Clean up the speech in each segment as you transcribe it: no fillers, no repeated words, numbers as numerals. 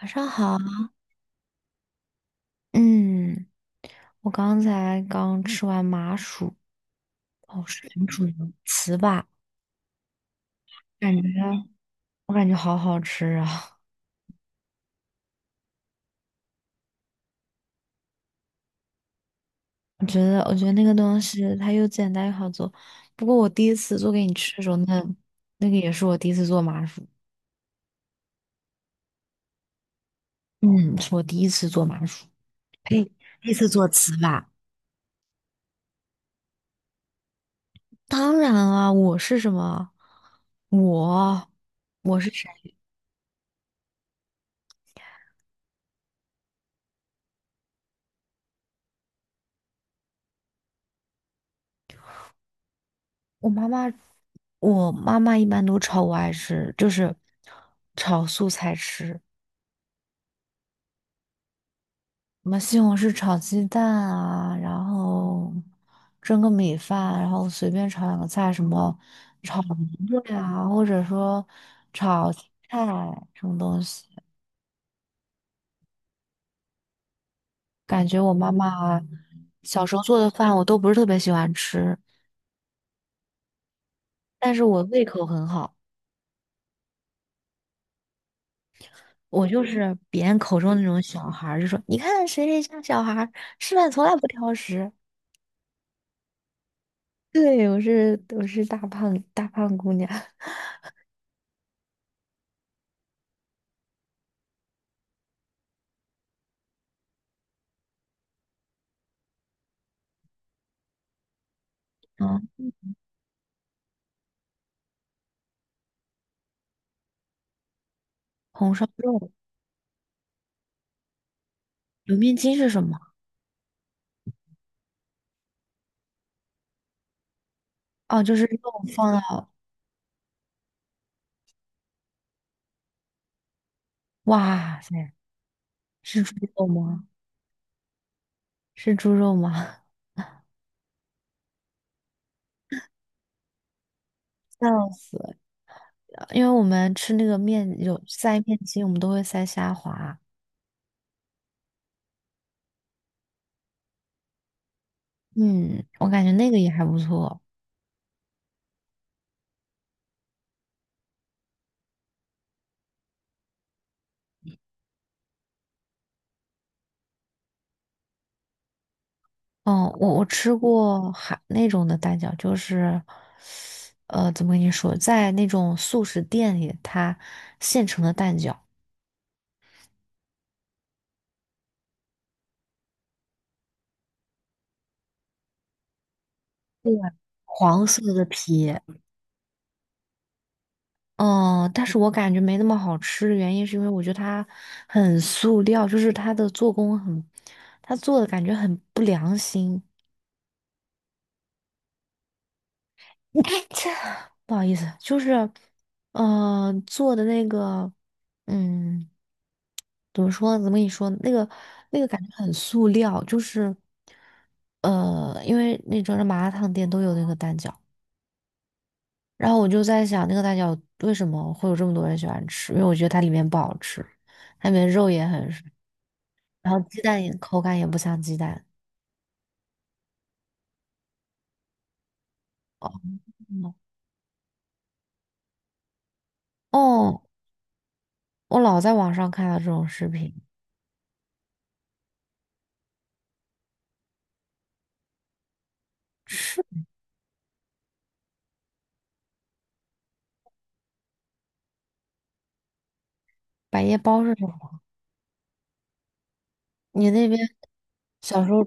晚上好。嗯，我刚才刚吃完麻薯。哦，是红薯牛糍粑。感觉我感觉好好吃啊！我觉得那个东西它又简单又好做。不过我第一次做给你吃的时候，那个也是我第一次做麻薯。嗯，是我第一次做麻薯，呸，第一次做糍粑。当然啊，我是什么？我我是谁？我妈妈，我妈妈一般都炒我爱吃，就是炒素菜吃。什么西红柿炒鸡蛋啊，然后蒸个米饭，然后随便炒两个菜，什么炒馄饨啊，或者说菜什么东西。感觉我妈妈小时候做的饭我都不是特别喜欢吃，但是我胃口很好。我就是别人口中那种小孩儿，就说你看谁谁家小孩儿吃饭从来不挑食。对，我是大胖大胖姑娘。嗯，红烧肉，油面筋是什么？哦，就是肉放到，哇塞，是猪肉吗？是猪肉吗？笑死了！因为我们吃那个面有塞面筋，我们都会塞虾滑。嗯，我感觉那个也还不错。嗯，我吃过还那种的蛋饺，就是怎么跟你说，在那种速食店里，它现成的蛋饺。对，黄色的皮。嗯，但是我感觉没那么好吃的原因是因为我觉得它很塑料，就是它的做工很，它做的感觉很不良心。不好意思，就是，做的那个，嗯，怎么说？怎么跟你说？那个那个感觉很塑料，就是，因为那种麻辣烫店都有那个蛋饺。然后我就在想，那个蛋饺为什么会有这么多人喜欢吃？因为我觉得它里面不好吃，它里面肉也很少，然后鸡蛋也口感也不像鸡蛋。哦，哦，我老在网上看到这种视频。是百叶包是什么？你那边小时候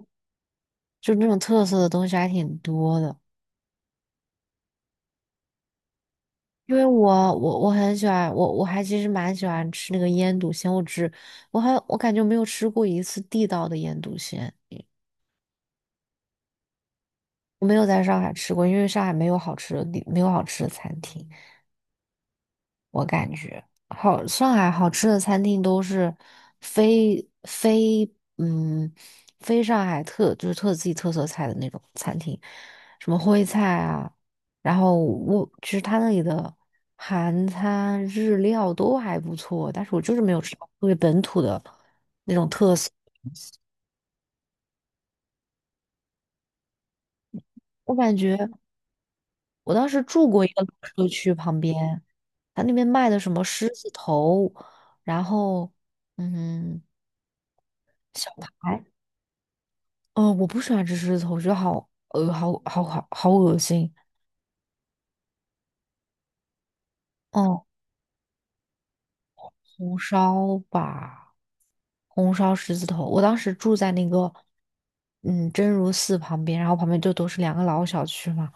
就那种特色的东西还挺多的。因为我很喜欢我其实蛮喜欢吃那个腌笃鲜，我只我还我感觉没有吃过一次地道的腌笃鲜，我没有在上海吃过，因为上海没有好吃的地没有好吃的餐厅。我感觉好，上海好吃的餐厅都是非非嗯非上海特就是特自己特色菜的那种餐厅，什么徽菜啊，然后我其实他那里的韩餐、日料都还不错，但是我就是没有吃到特别本土的那种特色。我感觉我当时住过一个老社区旁边，他那边卖的什么狮子头，然后嗯小排。哦，我不喜欢吃狮子头，我觉得好好好好好恶心。哦，红烧吧，红烧狮子头。我当时住在那个嗯真如寺旁边，然后旁边就都是两个老小区嘛。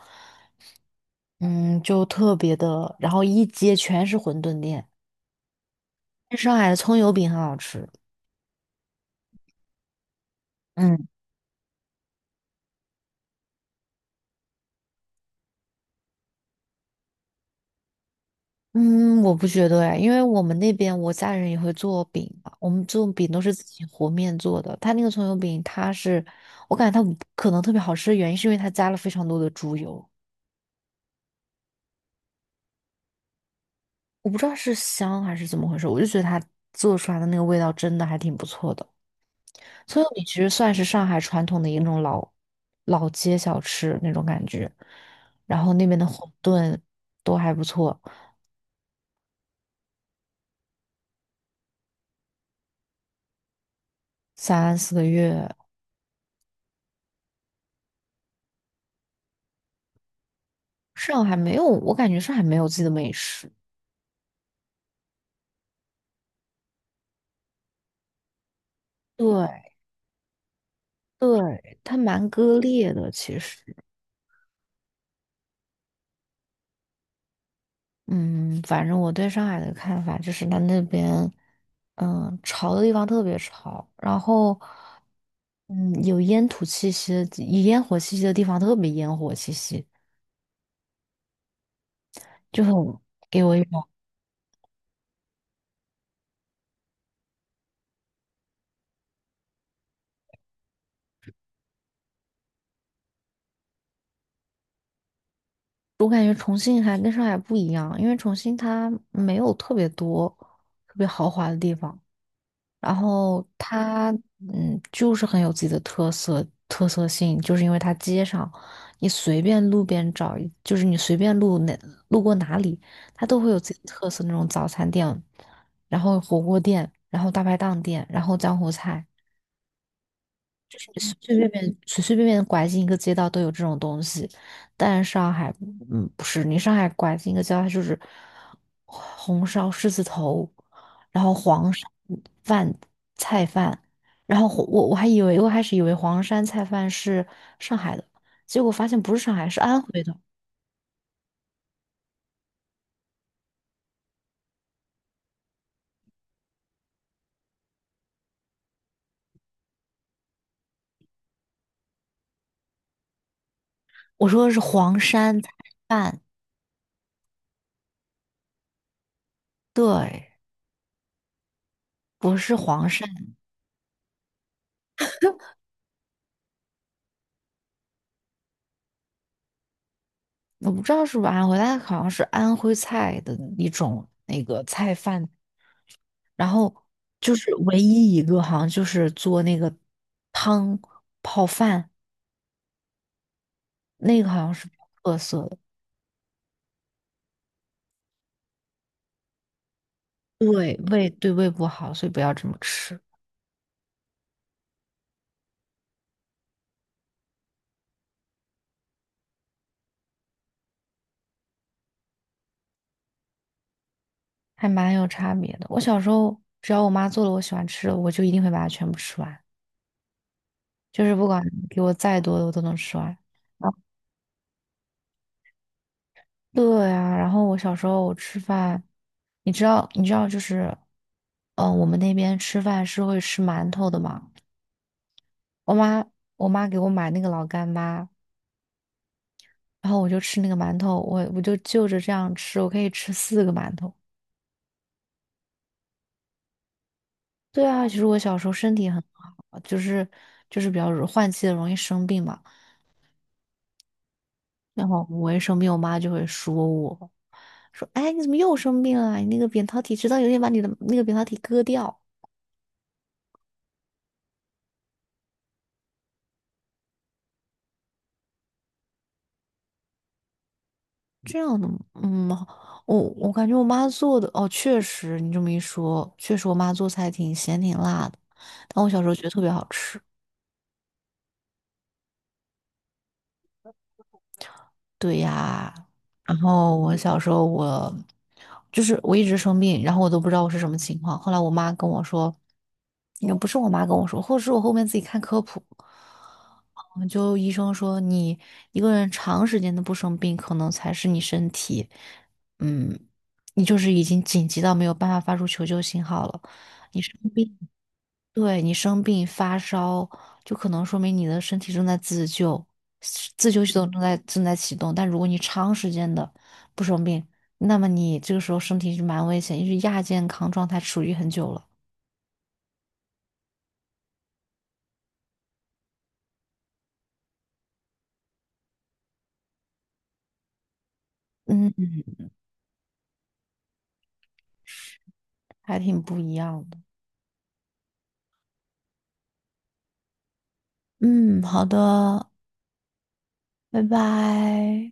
嗯，就特别的，然后一街全是馄饨店。上海的葱油饼很好吃。嗯。嗯，我不觉得哎，因为我们那边我家人也会做饼嘛，我们做饼都是自己和面做的。他那个葱油饼，它是我感觉它可能特别好吃的原因，是因为它加了非常多的猪油。我不知道是香还是怎么回事，我就觉得它做出来的那个味道真的还挺不错的。葱油饼其实算是上海传统的一种老老街小吃那种感觉，然后那边的馄饨都还不错。三四个月。上海没有，我感觉上海没有自己的美食。对，对，它蛮割裂的，其实。嗯，反正我对上海的看法就是，它那边，嗯，潮的地方特别潮。然后，嗯，有烟土气息的地烟火气息的地方特别烟火气息，就很给我一种，我感觉重庆还跟上海不一样，因为重庆它没有特别多特别豪华的地方。然后它，嗯，就是很有自己的特色性，就是因为它街上，你随便路边找一，就是你随便路哪路过哪里，它都会有自己的特色那种早餐店，然后火锅店，然后大排档店，然后江湖菜，随随便便拐进一个街道都有这种东西。但上海，嗯，不是，你上海拐进一个街道，它就是红烧狮子头，然后黄山饭菜饭，然后我还以为我开始以为黄山菜饭是上海的，结果发现不是上海，是安徽的。我说的是黄山菜饭，对，不是黄山，我不知道是不是安徽，但好像是安徽菜的一种那个菜饭。然后就是唯一一个好像就是做那个汤泡饭，那个好像是特色的。对胃不好，所以不要这么吃。还蛮有差别的。我小时候只要我妈做了我喜欢吃的，我就一定会把它全部吃完，就是不管给我再多的我都能吃完。啊，对呀。然后我小时候我吃饭，你知道就是，我们那边吃饭是会吃馒头的嘛。我妈我妈给我买那个老干妈，然后我就吃那个馒头，我就就着这样吃，我可以吃四个馒头。对啊，其实我小时候身体很好，就是比较容换季的容易生病嘛。然后我一生病，我妈就会说我，说哎你怎么又生病了？你那个扁桃体直到有一天把你的那个扁桃体割掉，这样的嗯，我感觉我妈做的哦，确实你这么一说，确实我妈做菜挺咸挺辣的，但我小时候觉得特别好吃。对呀，然后我小时候我就是我一直生病，然后我都不知道我是什么情况。后来我妈跟我说，也不是我妈跟我说，或者是我后面自己看科普。嗯，就医生说你一个人长时间的不生病，可能才是你身体，嗯，你就是已经紧急到没有办法发出求救信号了，你生病。对你生病发烧，就可能说明你的身体正在自救，自救系统正在启动。但如果你长时间的不生病，那么你这个时候身体是蛮危险，因为亚健康状态处于很久了。嗯，还挺不一样的。嗯，好的，拜拜。